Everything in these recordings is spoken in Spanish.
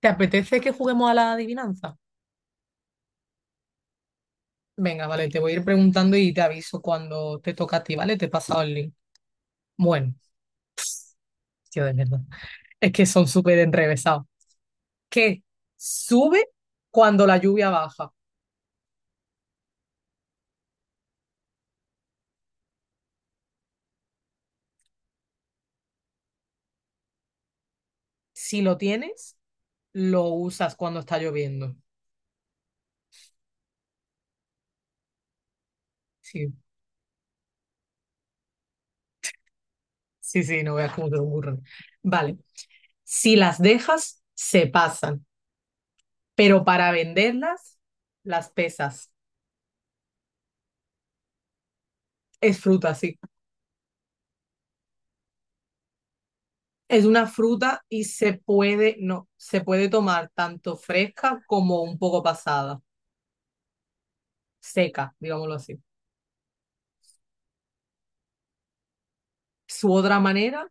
¿Te apetece que juguemos a la adivinanza? Venga, vale, te voy a ir preguntando y te aviso cuando te toca a ti, ¿vale? Te he pasado el link. Bueno, tío, de verdad. Es que son súper enrevesados. ¿Qué sube cuando la lluvia baja? Si lo tienes, lo usas cuando está lloviendo. Sí, sí, sí, no veas cómo te lo ocurren. Vale. Si las dejas, se pasan, pero para venderlas, las pesas. Es fruta, sí. Es una fruta y se puede, no, se puede tomar tanto fresca como un poco pasada, seca, digámoslo así. Su otra manera,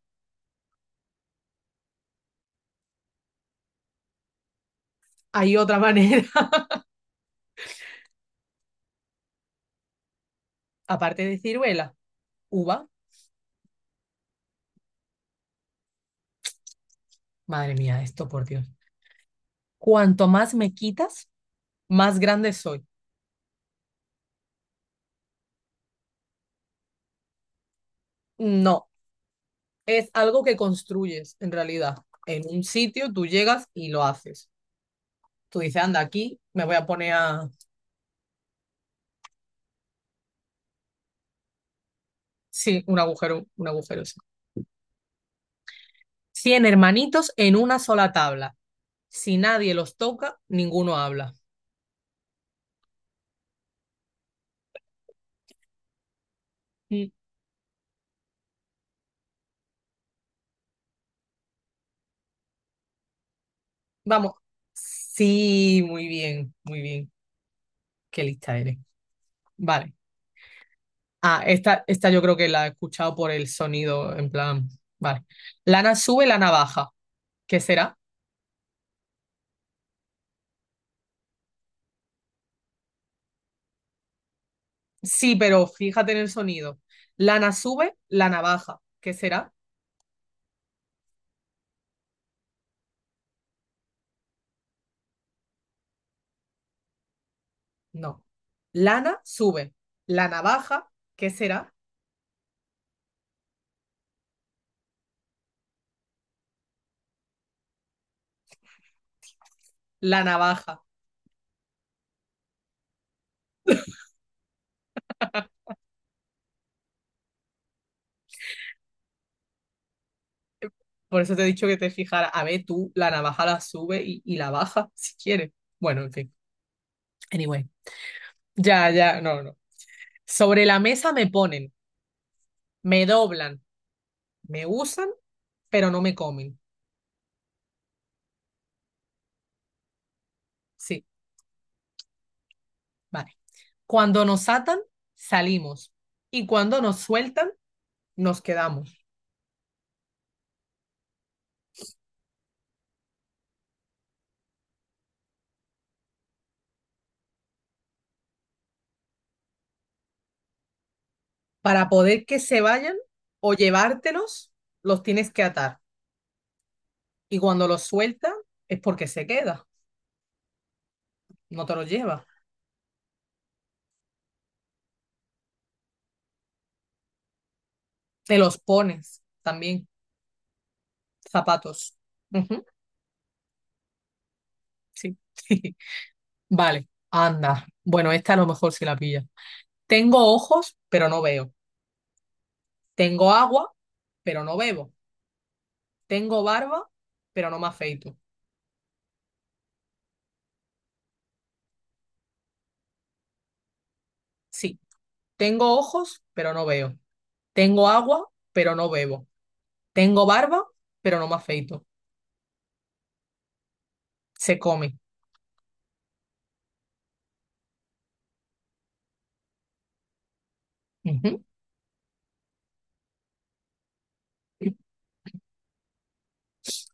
hay otra manera, aparte de ciruela, uva. Madre mía, esto por Dios. Cuanto más me quitas, más grande soy. No, es algo que construyes en realidad. En un sitio tú llegas y lo haces. Tú dices, anda, aquí me voy a poner a... Sí, un agujero, sí. 100 hermanitos en una sola tabla. Si nadie los toca, ninguno habla. Mm. Vamos. Sí, muy bien, muy bien. Qué lista eres. Vale. Ah, esta yo creo que la he escuchado por el sonido, en plan. Vale. Lana sube, lana baja. ¿Qué será? Sí, pero fíjate en el sonido. Lana sube, lana baja. ¿Qué será? No. Lana sube, la navaja. ¿Qué será? La navaja. Por eso te he dicho que te fijaras. A ver, tú la navaja la sube y la baja si quieres. Bueno, en fin. Anyway. Ya, ya, no, no. Sobre la mesa me ponen, me doblan, me usan, pero no me comen. Sí, vale. Cuando nos atan, salimos. Y cuando nos sueltan, nos quedamos. Para poder que se vayan o llevártelos, los tienes que atar. Y cuando los sueltan, es porque se queda. No te los lleva. Te los pones también, zapatos. Ujú. Sí. Vale, anda. Bueno, esta a lo mejor si la pilla. Tengo ojos, pero no veo. Tengo agua, pero no bebo. Tengo barba, pero no me afeito. Sí. Tengo ojos, pero no veo. Tengo agua, pero no bebo. Tengo barba, pero no me afeito. Se come. Ujú.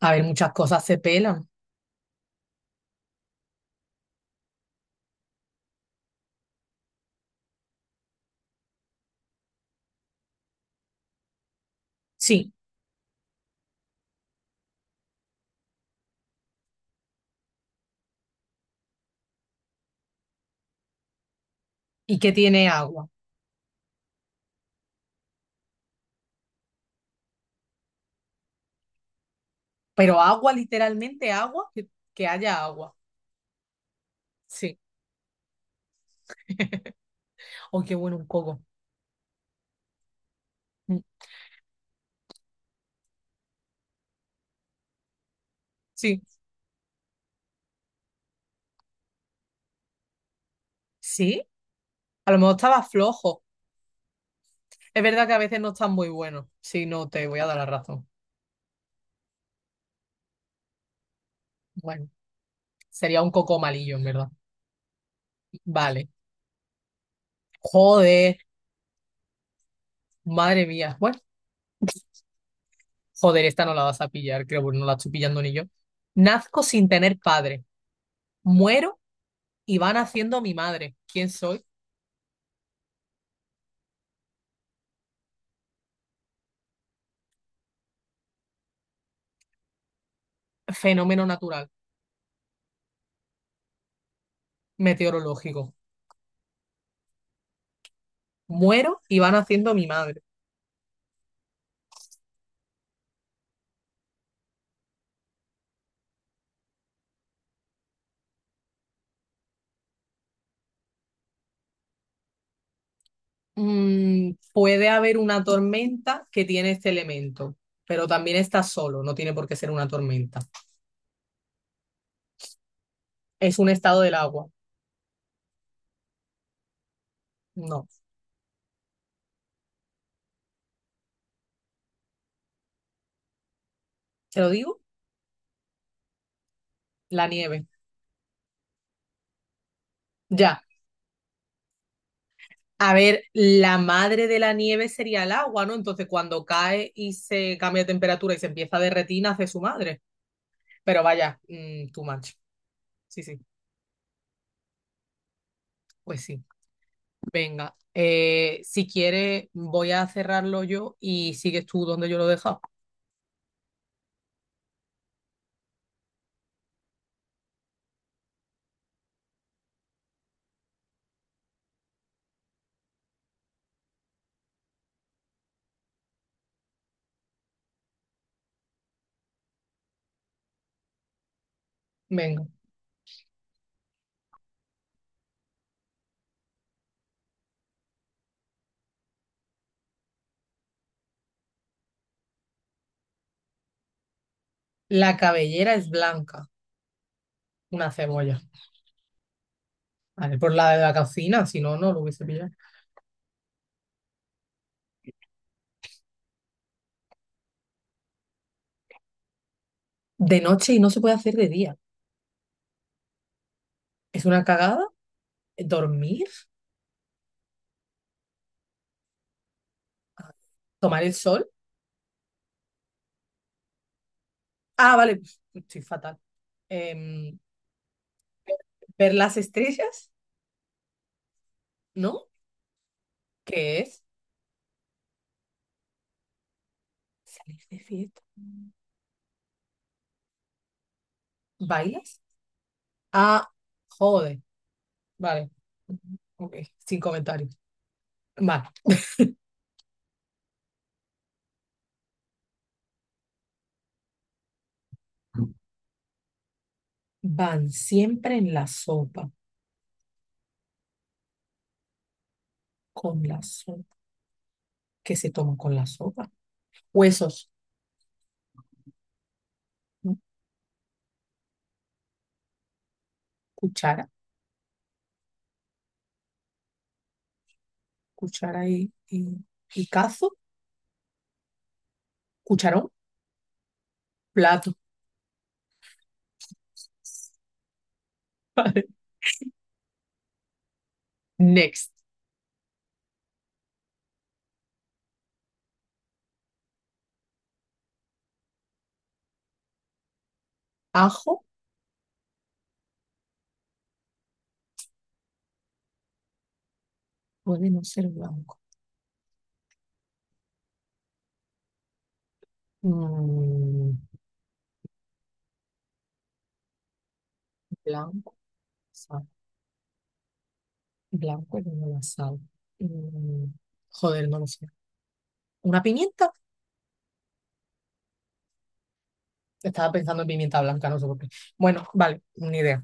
A ver, muchas cosas se pelan. Sí. ¿Y que tiene agua? Pero agua, literalmente agua, que haya agua. Sí. Oh, qué bueno un coco. Mm. Sí. Sí, a lo mejor estaba flojo. Es verdad que a veces no están muy buenos. Sí, no, te voy a dar la razón. Bueno, sería un coco malillo, en verdad. Vale. Joder, madre mía. Bueno, joder, esta no la vas a pillar, creo, porque no la estoy pillando ni yo. Nazco sin tener padre. Muero y va naciendo mi madre. ¿Quién soy? Fenómeno natural, meteorológico. Muero y va naciendo mi madre. Puede haber una tormenta que tiene este elemento, pero también está solo, no tiene por qué ser una tormenta. Es un estado del agua. No, ¿te lo digo? La nieve. Ya. A ver, la madre de la nieve sería el agua, ¿no? Entonces cuando cae y se cambia de temperatura y se empieza a derretir, nace su madre. Pero vaya, too much. Sí, sí, pues sí. Venga, si quieres voy a cerrarlo yo y sigues tú donde yo lo he dejado. Venga. La cabellera es blanca. Una cebolla, ¿vale? Por la de la cocina, si no, no lo hubiese pillado. De noche y no se puede hacer de día. Es una cagada. Dormir, ah, tomar el sol. Ah, vale, estoy fatal. Em, ver las estrellas, ¿no? ¿Qué es? Salir de fiesta. ¿Bailas? Ah, joder. Vale. Ok, sin comentarios. Vale. Van siempre en la sopa, con la sopa. ¿Qué se toma con la sopa? Huesos, ¿no? Cuchara. Cuchara y cazo, cucharón, plato. Vale. Next. Ajo puede no ser blanco. Mm, blanco, sal. Blanco es la sal. Mm, joder, no lo sé. ¿Una pimienta? Estaba pensando en pimienta blanca, no sé por qué. Bueno, vale, ni idea.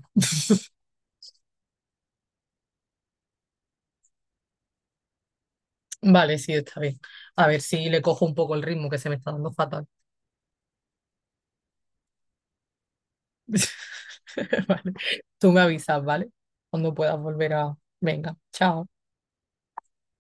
Vale, sí, está bien. A ver si le cojo un poco el ritmo que se me está dando fatal. Vale. Tú me avisas, ¿vale? Cuando puedas volver a... Venga, chao.